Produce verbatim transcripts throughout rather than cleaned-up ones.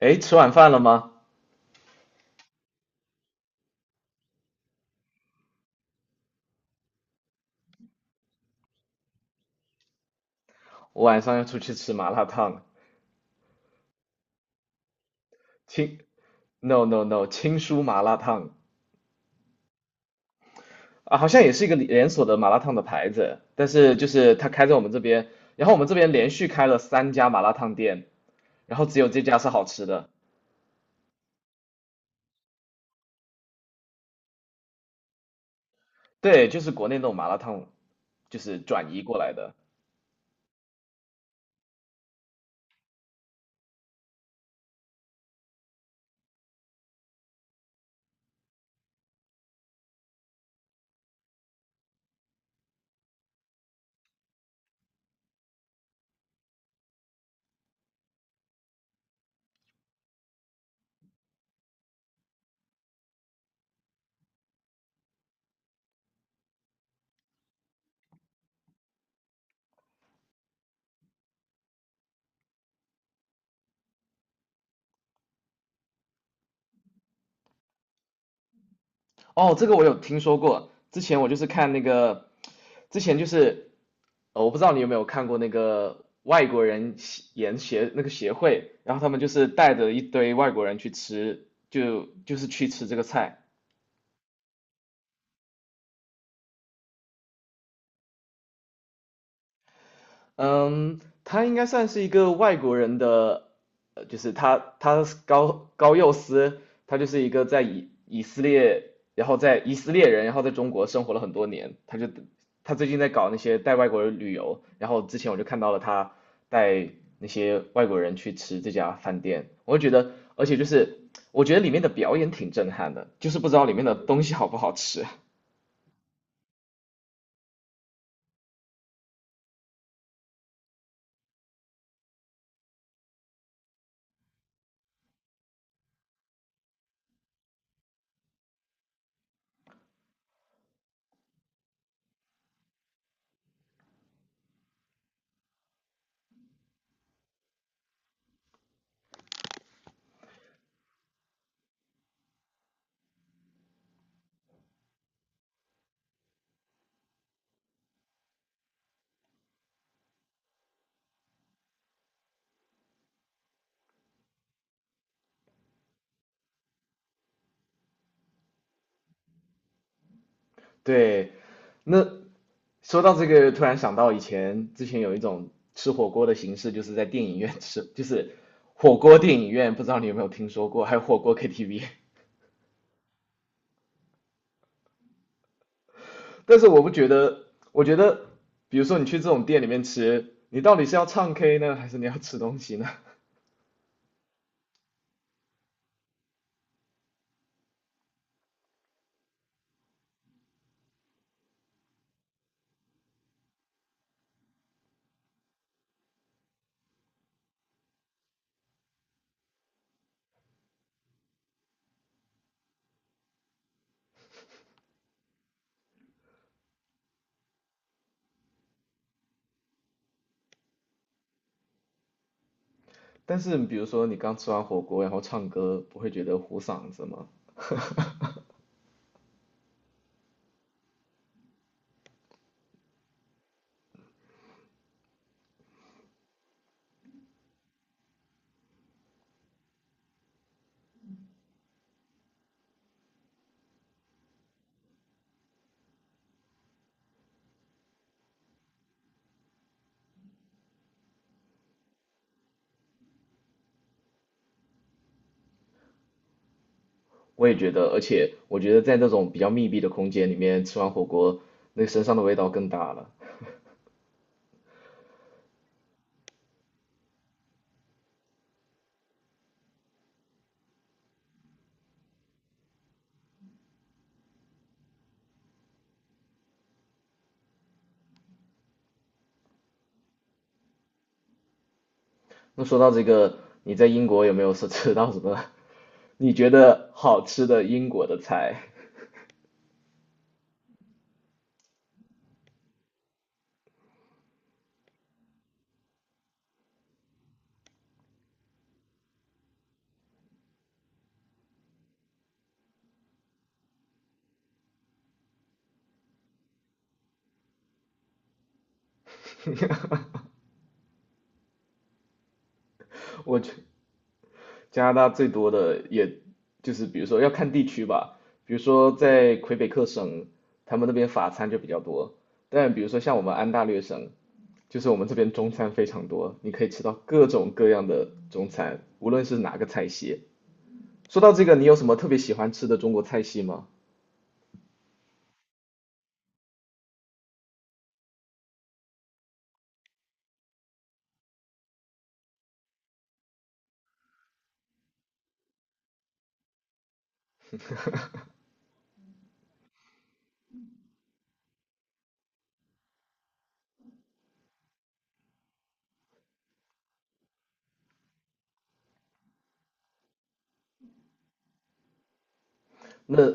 哎，吃晚饭了吗？我晚上要出去吃麻辣烫了，青，no no no，青叔麻辣烫。啊，好像也是一个连锁的麻辣烫的牌子，但是就是他开在我们这边，然后我们这边连续开了三家麻辣烫店，然后只有这家是好吃的。对，就是国内那种麻辣烫，就是转移过来的。哦，这个我有听说过。之前我就是看那个，之前就是呃，我不知道你有没有看过那个外国人协研协那个协会，然后他们就是带着一堆外国人去吃，就就是去吃这个菜。嗯，他应该算是一个外国人的，呃，就是他他是高高佑斯，他就是一个在以以色列，然后在以色列人，然后在中国生活了很多年，他就他最近在搞那些带外国人旅游，然后之前我就看到了他带那些外国人去吃这家饭店，我就觉得，而且就是我觉得里面的表演挺震撼的，就是不知道里面的东西好不好吃。对。那说到这个，突然想到以前之前有一种吃火锅的形式，就是在电影院吃，就是火锅电影院，不知道你有没有听说过，还有火锅 K T V。但是我不觉得，我觉得，比如说你去这种店里面吃，你到底是要唱 K 呢，还是你要吃东西呢？但是比如说你刚吃完火锅，然后唱歌，不会觉得糊嗓子吗？我也觉得，而且我觉得在那种比较密闭的空间里面吃完火锅，那个身上的味道更大了。那说到这个，你在英国有没有吃吃到什么你觉得好吃的英国的菜？我觉加拿大最多的也就是比如说要看地区吧，比如说在魁北克省，他们那边法餐就比较多，但比如说像我们安大略省，就是我们这边中餐非常多，你可以吃到各种各样的中餐，无论是哪个菜系。说到这个，你有什么特别喜欢吃的中国菜系吗？那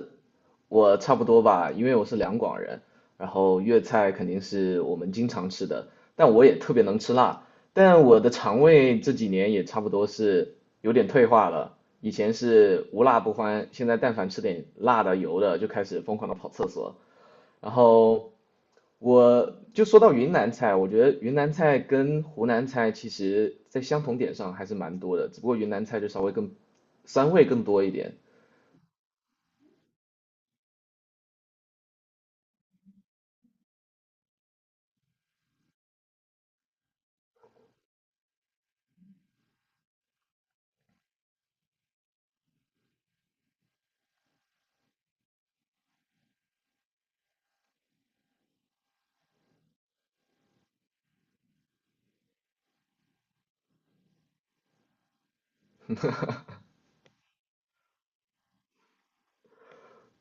我差不多吧，因为我是两广人，然后粤菜肯定是我们经常吃的，但我也特别能吃辣，但我的肠胃这几年也差不多是有点退化了，以前是无辣不欢，现在但凡吃点辣的、油的就开始疯狂的跑厕所。然后我就说到云南菜，我觉得云南菜跟湖南菜其实在相同点上还是蛮多的，只不过云南菜就稍微更，酸味更多一点。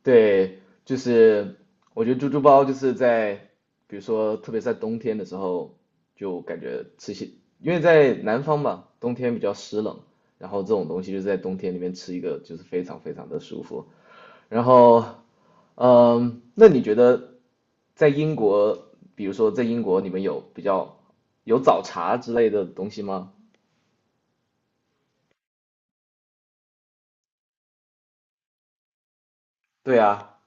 对，就是我觉得猪猪包就是在，比如说特别在冬天的时候，就感觉吃些，因为在南方嘛，冬天比较湿冷，然后这种东西就在冬天里面吃一个，就是非常非常的舒服。然后，嗯，那你觉得在英国，比如说在英国，你们有比较有早茶之类的东西吗？对啊。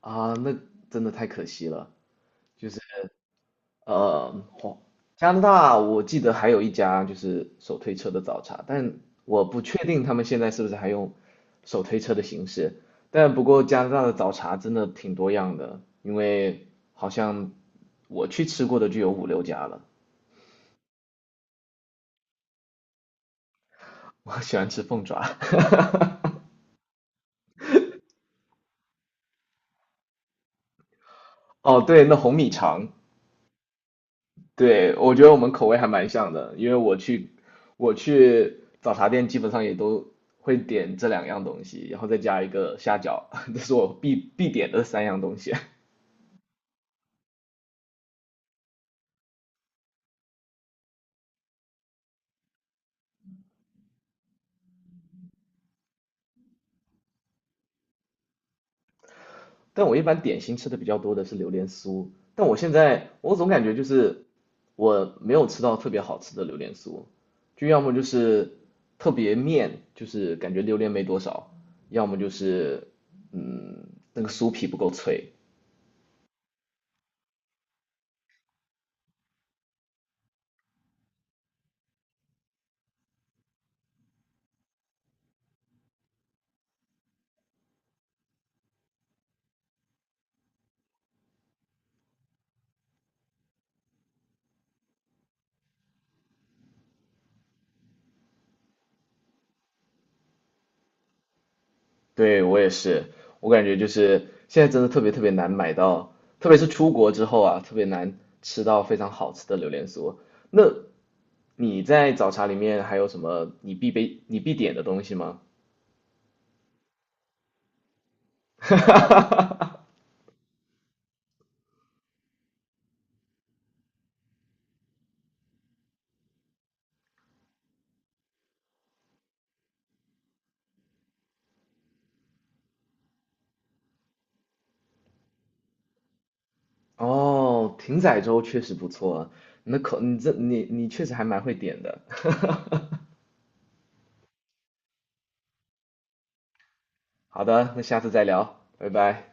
啊，那真的太可惜了。就是。呃，哦加拿大我记得还有一家就是手推车的早茶，但我不确定他们现在是不是还用手推车的形式。但不过加拿大的早茶真的挺多样的，因为好像我去吃过的就有五六家了。我喜欢吃凤爪。哦，对，那红米肠。对，我觉得我们口味还蛮像的，因为我去我去早茶店基本上也都会点这两样东西，然后再加一个虾饺，这是我必必点的三样东西。但我一般点心吃的比较多的是榴莲酥，但我现在我总感觉就是我没有吃到特别好吃的榴莲酥，就要么就是特别面，就是感觉榴莲没多少，要么就是嗯那个酥皮不够脆。对，我也是，我感觉就是现在真的特别特别难买到，特别是出国之后啊，特别难吃到非常好吃的榴莲酥。那你在早茶里面还有什么你必备、你必点的东西吗？哦，艇仔粥确实不错啊，那口你这你你确实还蛮会点的。好的，那下次再聊，拜拜。